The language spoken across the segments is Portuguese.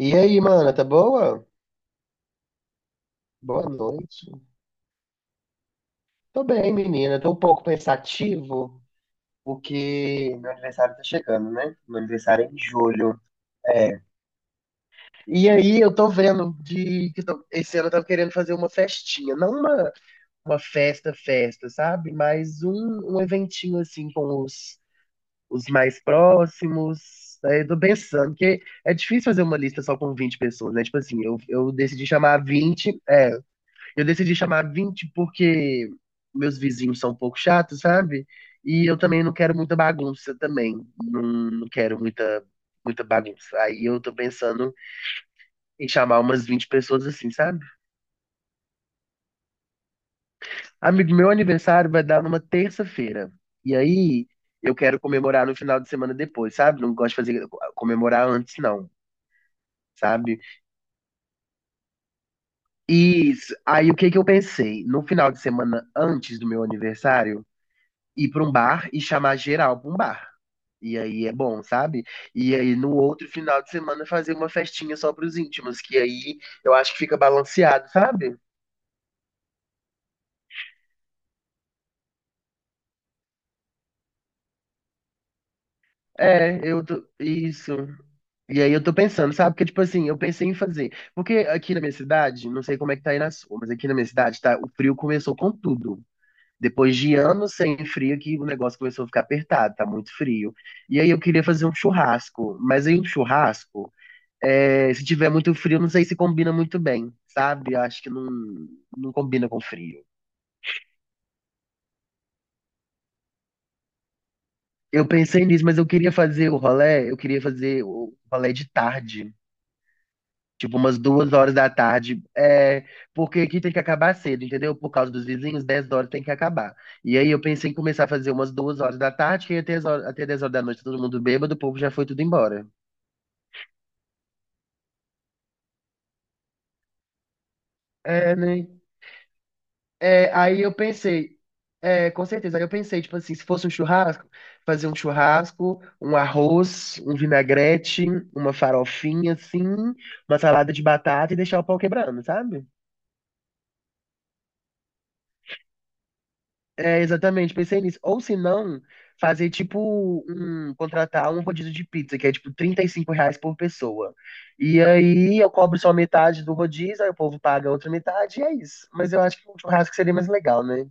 E aí, mana, tá boa? Boa noite. Tô bem, menina. Tô um pouco pensativo, porque meu aniversário tá chegando, né? Meu aniversário é em julho. É. E aí, eu tô vendo de que esse ano eu tava querendo fazer uma festinha. Não uma festa, festa, sabe? Mas um eventinho assim com os mais próximos. Aí eu tô pensando, que é difícil fazer uma lista só com 20 pessoas, né? Tipo assim, eu decidi chamar 20. É. Eu decidi chamar 20 porque meus vizinhos são um pouco chatos, sabe? E eu também não quero muita bagunça também. Não, não quero muita, muita bagunça. Aí eu tô pensando em chamar umas 20 pessoas assim, sabe? Amigo, meu aniversário vai dar numa terça-feira. E aí eu quero comemorar no final de semana depois, sabe? Não gosto de fazer comemorar antes, não. Sabe? E aí o que que eu pensei? No final de semana antes do meu aniversário, ir pra um bar e chamar geral pra um bar. E aí é bom, sabe? E aí no outro final de semana fazer uma festinha só pros íntimos, que aí eu acho que fica balanceado, sabe? É. Isso. E aí eu tô pensando, sabe? Porque, tipo assim, eu pensei em fazer. Porque aqui na minha cidade, não sei como é que tá aí na sua, mas aqui na minha cidade, tá, o frio começou com tudo. Depois de anos sem frio, que o negócio começou a ficar apertado, tá muito frio. E aí eu queria fazer um churrasco. Mas aí um churrasco. É, se tiver muito frio, não sei se combina muito bem, sabe? Acho que não, não combina com frio. Eu pensei nisso, mas eu queria fazer o rolê, eu queria fazer o rolê de tarde, tipo umas 2 horas da tarde, é, porque aqui tem que acabar cedo, entendeu? Por causa dos vizinhos, 10 horas tem que acabar. E aí eu pensei em começar a fazer umas 2 horas da tarde, que até, até 10 horas da noite todo mundo bêbado, o povo já foi tudo embora. É, né? É, aí eu pensei, é, com certeza, aí eu pensei, tipo assim, se fosse um churrasco, fazer um churrasco, um arroz, um vinagrete, uma farofinha, assim, uma salada de batata e deixar o pau quebrando, sabe? É, exatamente, pensei nisso. Ou se não, fazer tipo contratar um rodízio de pizza, que é tipo R$ 35 por pessoa. E aí eu cobro só metade do rodízio, aí o povo paga a outra metade e é isso. Mas eu acho que um churrasco seria mais legal, né?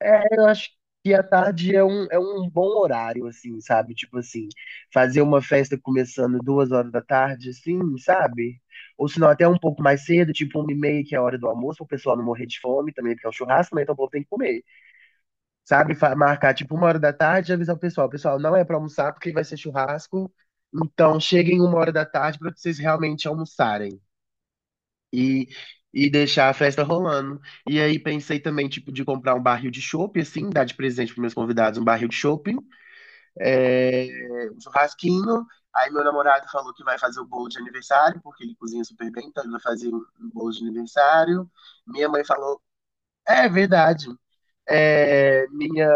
É, eu acho que a tarde é um bom horário, assim, sabe? Tipo assim, fazer uma festa começando 2 horas da tarde, assim, sabe? Ou se não, até um pouco mais cedo, tipo 1h30, que é a hora do almoço, para o pessoal não morrer de fome também, porque é um churrasco, né? Então o povo tem que comer, sabe? Marcar, tipo, 1 hora da tarde e avisar o pessoal. Pessoal, não é para almoçar porque vai ser churrasco, então cheguem 1 hora da tarde para vocês realmente almoçarem e, e deixar a festa rolando. E aí pensei também, tipo, de comprar um barril de chopp, assim, dar de presente para meus convidados um barril de chopp, é, um churrasquinho. Aí meu namorado falou que vai fazer o bolo de aniversário, porque ele cozinha super bem, então ele vai fazer um bolo de aniversário. Minha mãe falou, é verdade. É, minha,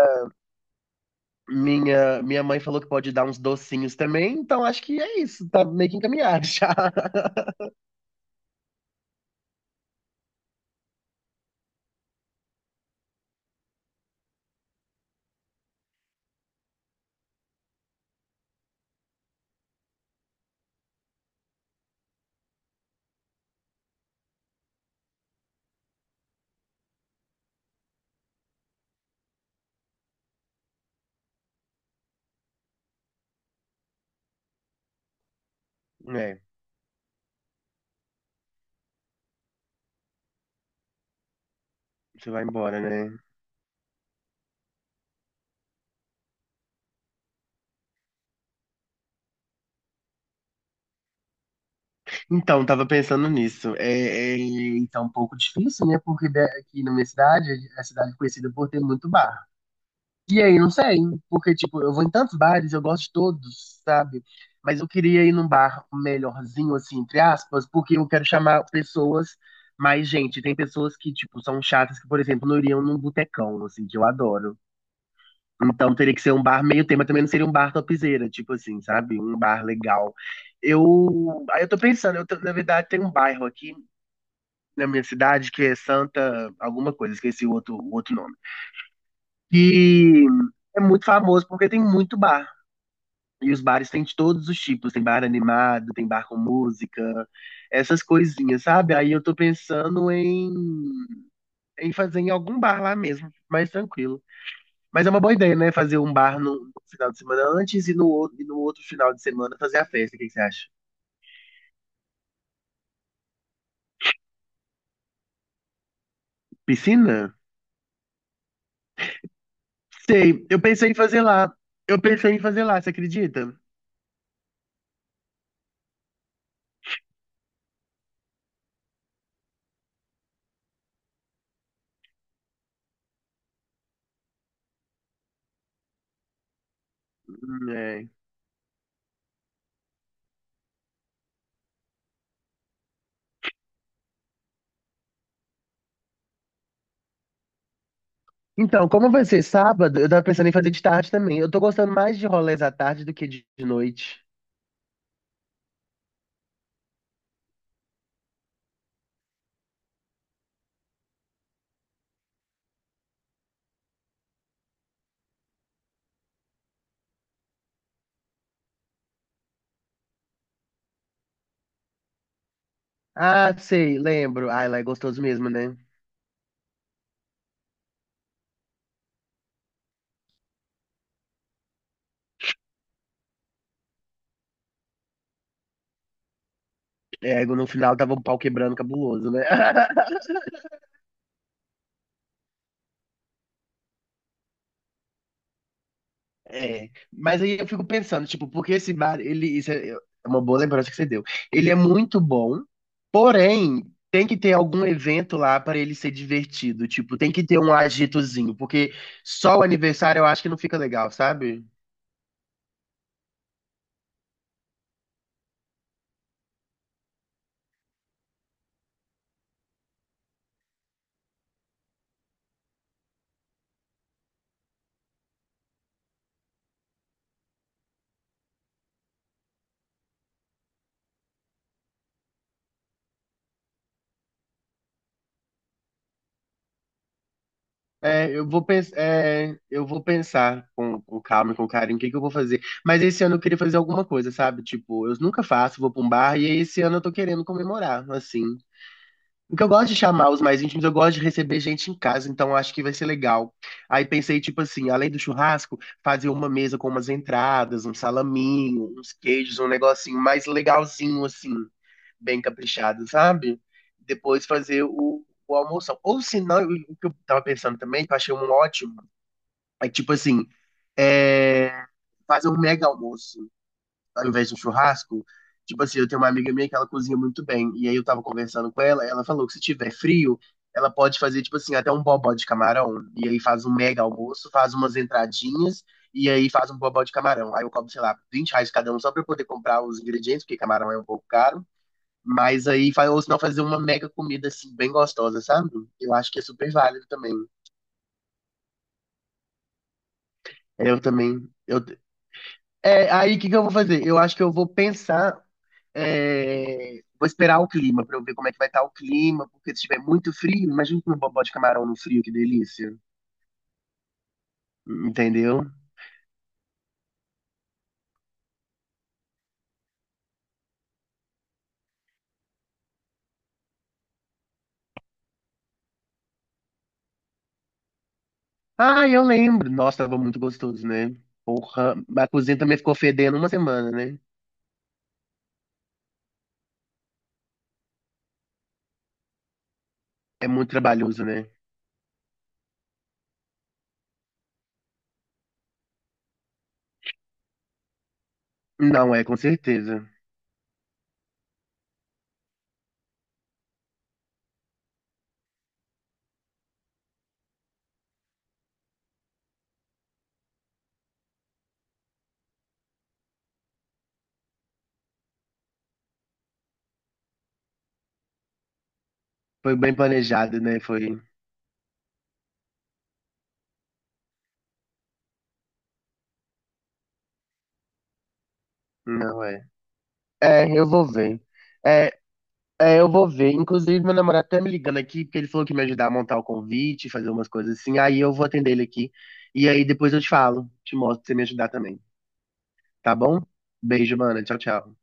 minha, minha mãe falou que pode dar uns docinhos também, então acho que é isso, tá meio que encaminhado já. É, você vai embora, né? Então, tava pensando nisso. É, é, então, um pouco difícil, né? Porque aqui na minha cidade, a cidade é conhecida por ter muito bar. E aí, não sei, porque, tipo, eu vou em tantos bares, eu gosto de todos, sabe? Mas eu queria ir num bar melhorzinho, assim, entre aspas, porque eu quero chamar pessoas mais gente. Tem pessoas que, tipo, são chatas, que, por exemplo, não iriam num botecão, assim, que eu adoro. Então teria que ser um bar meio tema, também não seria um bar topzeira, tipo assim, sabe? Um bar legal. Aí eu tô pensando, na verdade tem um bairro aqui na minha cidade que é Santa alguma coisa, esqueci o outro nome. Que é muito famoso porque tem muito bar. E os bares têm de todos os tipos, tem bar animado, tem bar com música, essas coisinhas, sabe? Aí eu tô pensando em fazer em algum bar lá mesmo, mais tranquilo. Mas é uma boa ideia, né? Fazer um bar no final de semana antes e no outro final de semana fazer a festa. O que que você acha? Piscina? Sei, eu pensei em fazer lá. Eu pensei em fazer lá, você acredita? É. Então, como vai ser sábado, eu tava pensando em fazer de tarde também. Eu tô gostando mais de rolês à tarde do que de noite. Ah, sei, lembro. Ai, lá é gostoso mesmo, né? É, no final tava um pau quebrando cabuloso, né? É, mas aí eu fico pensando, tipo, porque esse bar, ele, isso é uma boa lembrança que você deu. Ele é muito bom, porém, tem que ter algum evento lá para ele ser divertido, tipo, tem que ter um agitozinho, porque só o aniversário eu acho que não fica legal, sabe? É, eu vou pensar com calma e com carinho o que que eu vou fazer. Mas esse ano eu queria fazer alguma coisa, sabe? Tipo, eu nunca faço, vou pra um bar e esse ano eu tô querendo comemorar, assim. O que eu gosto de chamar os mais íntimos, eu gosto de receber gente em casa, então eu acho que vai ser legal. Aí pensei, tipo assim, além do churrasco, fazer uma mesa com umas entradas, um salaminho, uns queijos, um negocinho mais legalzinho, assim, bem caprichado, sabe? Depois fazer o almoção. Ou se não, o que eu tava pensando também, que eu achei um ótimo, é tipo assim, é, fazer um mega almoço ao invés de um churrasco. Tipo assim, eu tenho uma amiga minha que ela cozinha muito bem. E aí eu tava conversando com ela, ela falou que se tiver frio, ela pode fazer, tipo assim, até um bobó de camarão. E aí faz um mega almoço, faz umas entradinhas, e aí faz um bobó de camarão. Aí eu cobro, sei lá, R$ 20 cada um só pra eu poder comprar os ingredientes, porque camarão é um pouco caro. Mas aí, ou senão fazer uma mega comida, assim, bem gostosa, sabe? Eu acho que é super válido também. Eu também, eu É, aí o que que eu vou fazer? Eu acho que eu vou pensar, é, vou esperar o clima pra eu ver como é que vai estar o clima, porque se estiver muito frio, imagina um bobó de camarão no frio, que delícia. Entendeu? Ah, eu lembro. Nossa, tava muito gostoso, né? Porra, a cozinha também ficou fedendo uma semana, né? É muito trabalhoso, né? Não é, com certeza. Foi bem planejado, né? Foi. Não é. É, eu vou ver. É, É, eu vou ver. Inclusive, meu namorado tá me ligando aqui, porque ele falou que ia me ajudar a montar o convite, fazer umas coisas assim. Aí eu vou atender ele aqui. E aí depois eu te falo, te mostro pra você me ajudar também. Tá bom? Beijo, mana. Tchau, tchau.